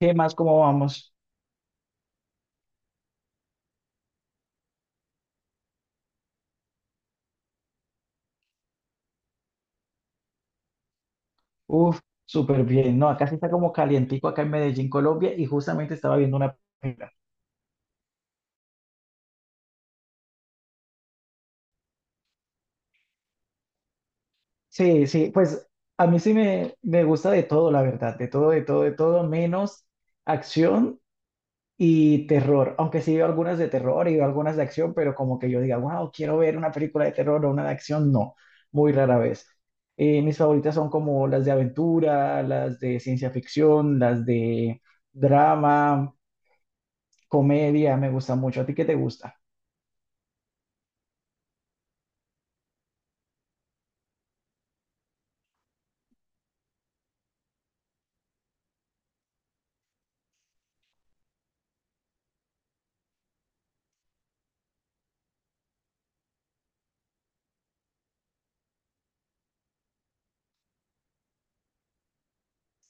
¿Qué más? ¿Cómo vamos? Uf, súper bien. No, acá sí está como calientico acá en Medellín, Colombia, y justamente estaba viendo una película. Sí, sí, pues a mí sí me gusta de todo, la verdad, de todo, de todo, de todo, menos acción y terror. Aunque sí veo algunas de terror y veo algunas de acción, pero como que yo diga, wow, quiero ver una película de terror o una de acción, no, muy rara vez. Mis favoritas son como las de aventura, las de ciencia ficción, las de drama. Comedia me gusta mucho. ¿A ti qué te gusta?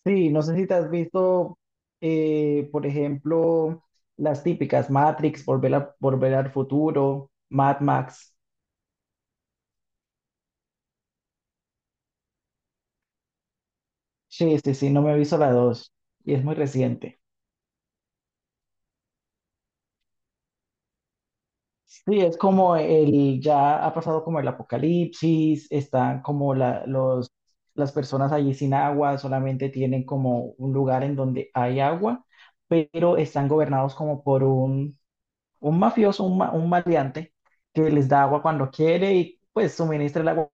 Sí, no sé si te has visto, por ejemplo, las típicas Matrix, Volver al Futuro, Mad Max. Sí, sí, sí, no me he visto la dos y es muy reciente. Sí, es como el, ya ha pasado como el apocalipsis, están como la, los, las personas allí sin agua, solamente tienen como un lugar en donde hay agua, pero están gobernados como por un mafioso, un maleante, que les da agua cuando quiere y pues suministra el agua.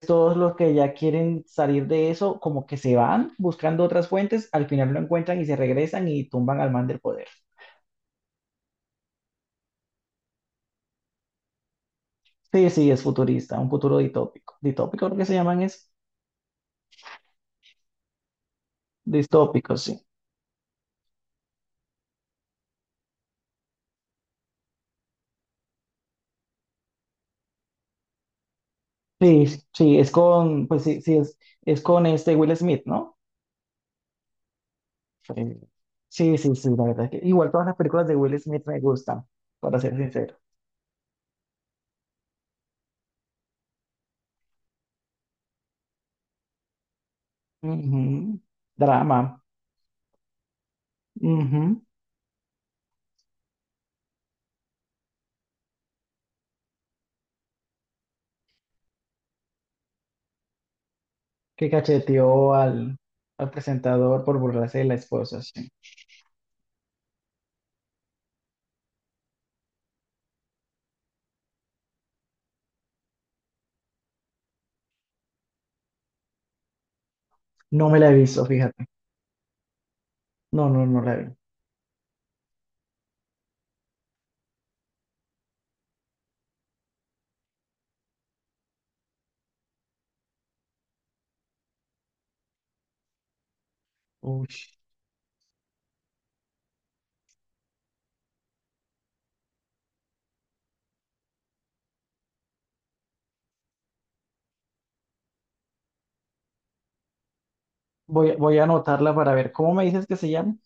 Todos los que ya quieren salir de eso, como que se van buscando otras fuentes, al final lo encuentran y se regresan y tumban al man del poder. Sí, sí, es futurista, un futuro ditópico. Ditópico lo que se llaman es distópico, sí. Sí, sí, es con este Will Smith, ¿no? Eh, Sí, sí, sí, la verdad es que igual todas las películas de Will Smith me gustan, para ser sincero. Ujú. Drama. Ujú. Que cacheteó al, al presentador por burlarse de la esposa, sí. No me la he visto, fíjate. No, no, no la vi. Uy. Voy a anotarla para ver. ¿Cómo me dices que se llama?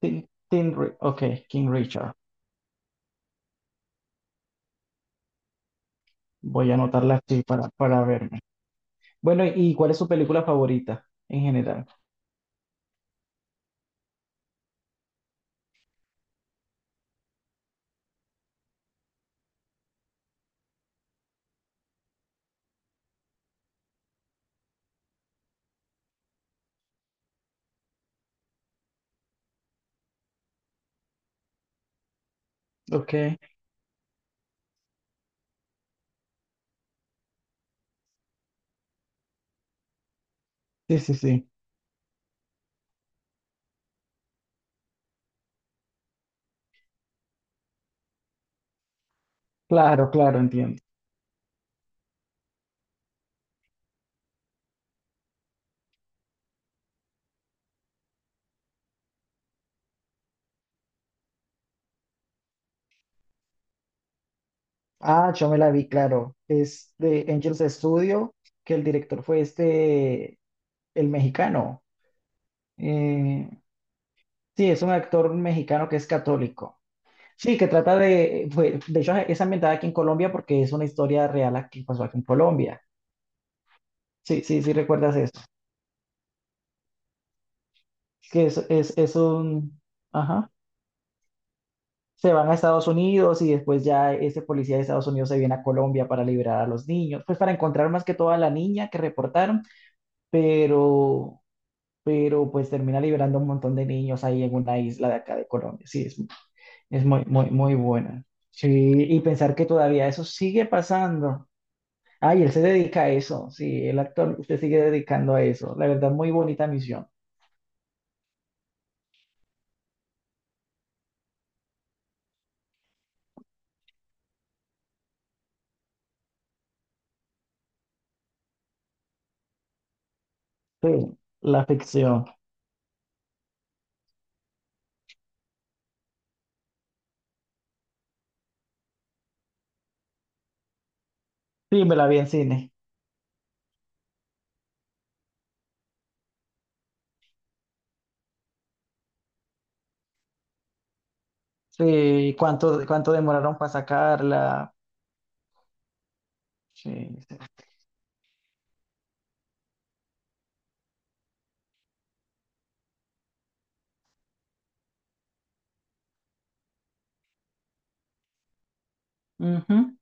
Ok, King Richard. Voy a anotarla aquí para verme. Bueno, ¿y cuál es su película favorita en general? Ok, sí, sí, sí. Claro, claro, entiendo. Ah, yo me la vi, claro. Es de Angels Studio, que el director fue este, el mexicano. Eh, sí, es un actor mexicano que es católico. Sí, que trata de, de hecho, es ambientada aquí en Colombia porque es una historia real que pasó aquí en Colombia. Sí, sí, sí, recuerdas eso. Que es un, ajá. Se van a Estados Unidos y después ya ese policía de Estados Unidos se viene a Colombia para liberar a los niños, pues para encontrar más que todo a la niña que reportaron, pero pero pues termina liberando un montón de niños ahí en una isla de acá de Colombia. Es muy, muy, muy buena. Sí, y pensar que todavía eso sigue pasando. Ay, él se dedica a eso, sí, el actor se sigue dedicando a eso. La verdad, muy bonita misión. Sí, la ficción. Sí, me la vi en cine. Sí, cuánto, cuánto demoraron para sacarla. Sí, sí. Ujú.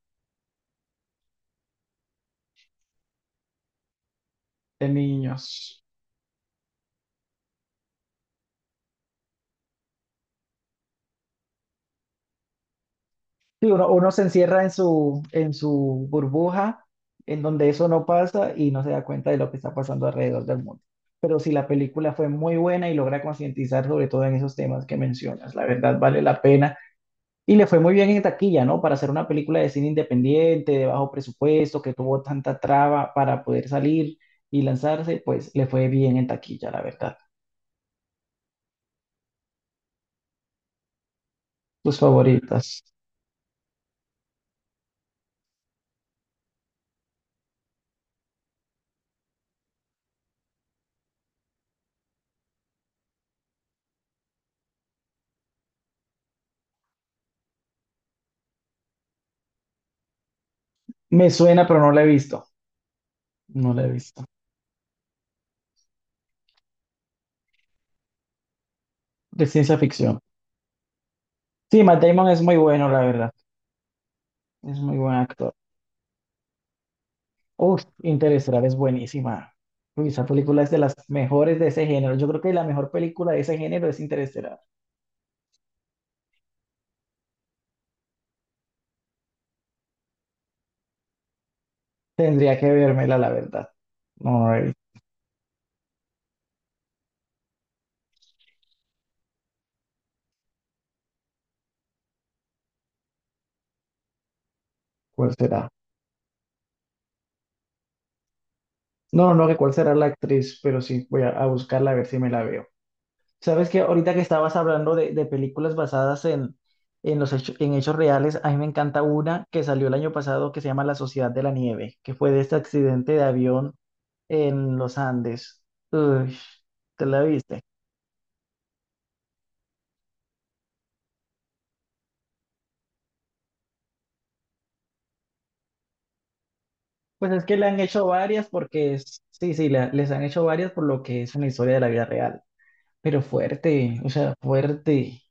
De niños. Sí, uno se encierra en su burbuja, en donde eso no pasa y no se da cuenta de lo que está pasando alrededor del mundo. Pero sí, la película fue muy buena y logra concientizar sobre todo en esos temas que mencionas. La verdad, vale la pena. Y le fue muy bien en taquilla, ¿no? Para hacer una película de cine independiente, de bajo presupuesto, que tuvo tanta traba para poder salir y lanzarse, pues le fue bien en taquilla, la verdad. Tus favoritas. Me suena, pero no la he visto. No la he visto. De ciencia ficción. Sí, Matt Damon es muy bueno, la verdad. Es muy buen actor. Uf, Interestelar es buenísima. Uy, esa película es de las mejores de ese género. Yo creo que la mejor película de ese género es Interestelar. Tendría que vérmela, la verdad. No, no, ¿cuál será? No, no, sé cuál será la actriz, pero sí, voy a buscarla a ver si me la veo. Sabes que ahorita que estabas hablando de películas basadas en los en hechos reales, a mí me encanta una que salió el año pasado que se llama La Sociedad de la Nieve, que fue de este accidente de avión en los Andes. Uy, ¿te la viste? Pues es que le han hecho varias porque es, sí, sí, les han hecho varias por lo que es una historia de la vida real, pero fuerte, o sea, fuerte.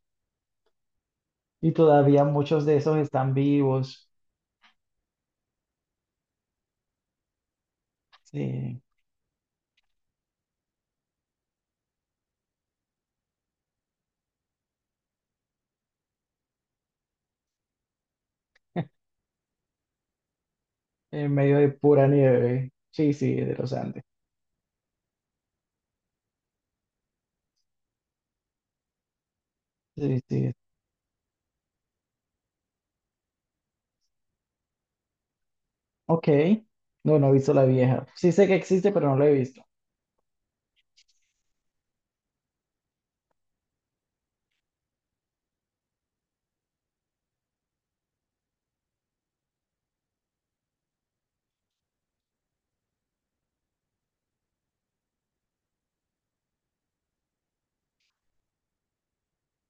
Y todavía muchos de esos están vivos, sí, en medio de pura nieve, sí, sí, de los Andes. Sí, sí, ok, no, no he visto la vieja. Sí sé que existe, pero no la he visto.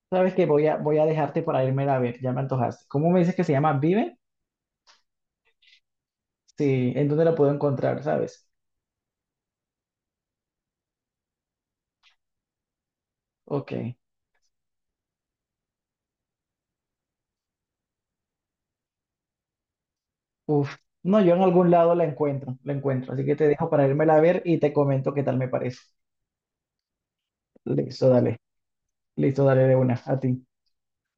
Sabes que voy a dejarte para irme a ver, ya me antojaste. ¿Cómo me dices que se llama Vive? Sí, ¿en dónde la puedo encontrar, sabes? Ok, uf. No, yo en algún lado la encuentro, la encuentro. Así que te dejo para irme a ver y te comento qué tal me parece. Listo, dale. Listo, dale de una, a ti.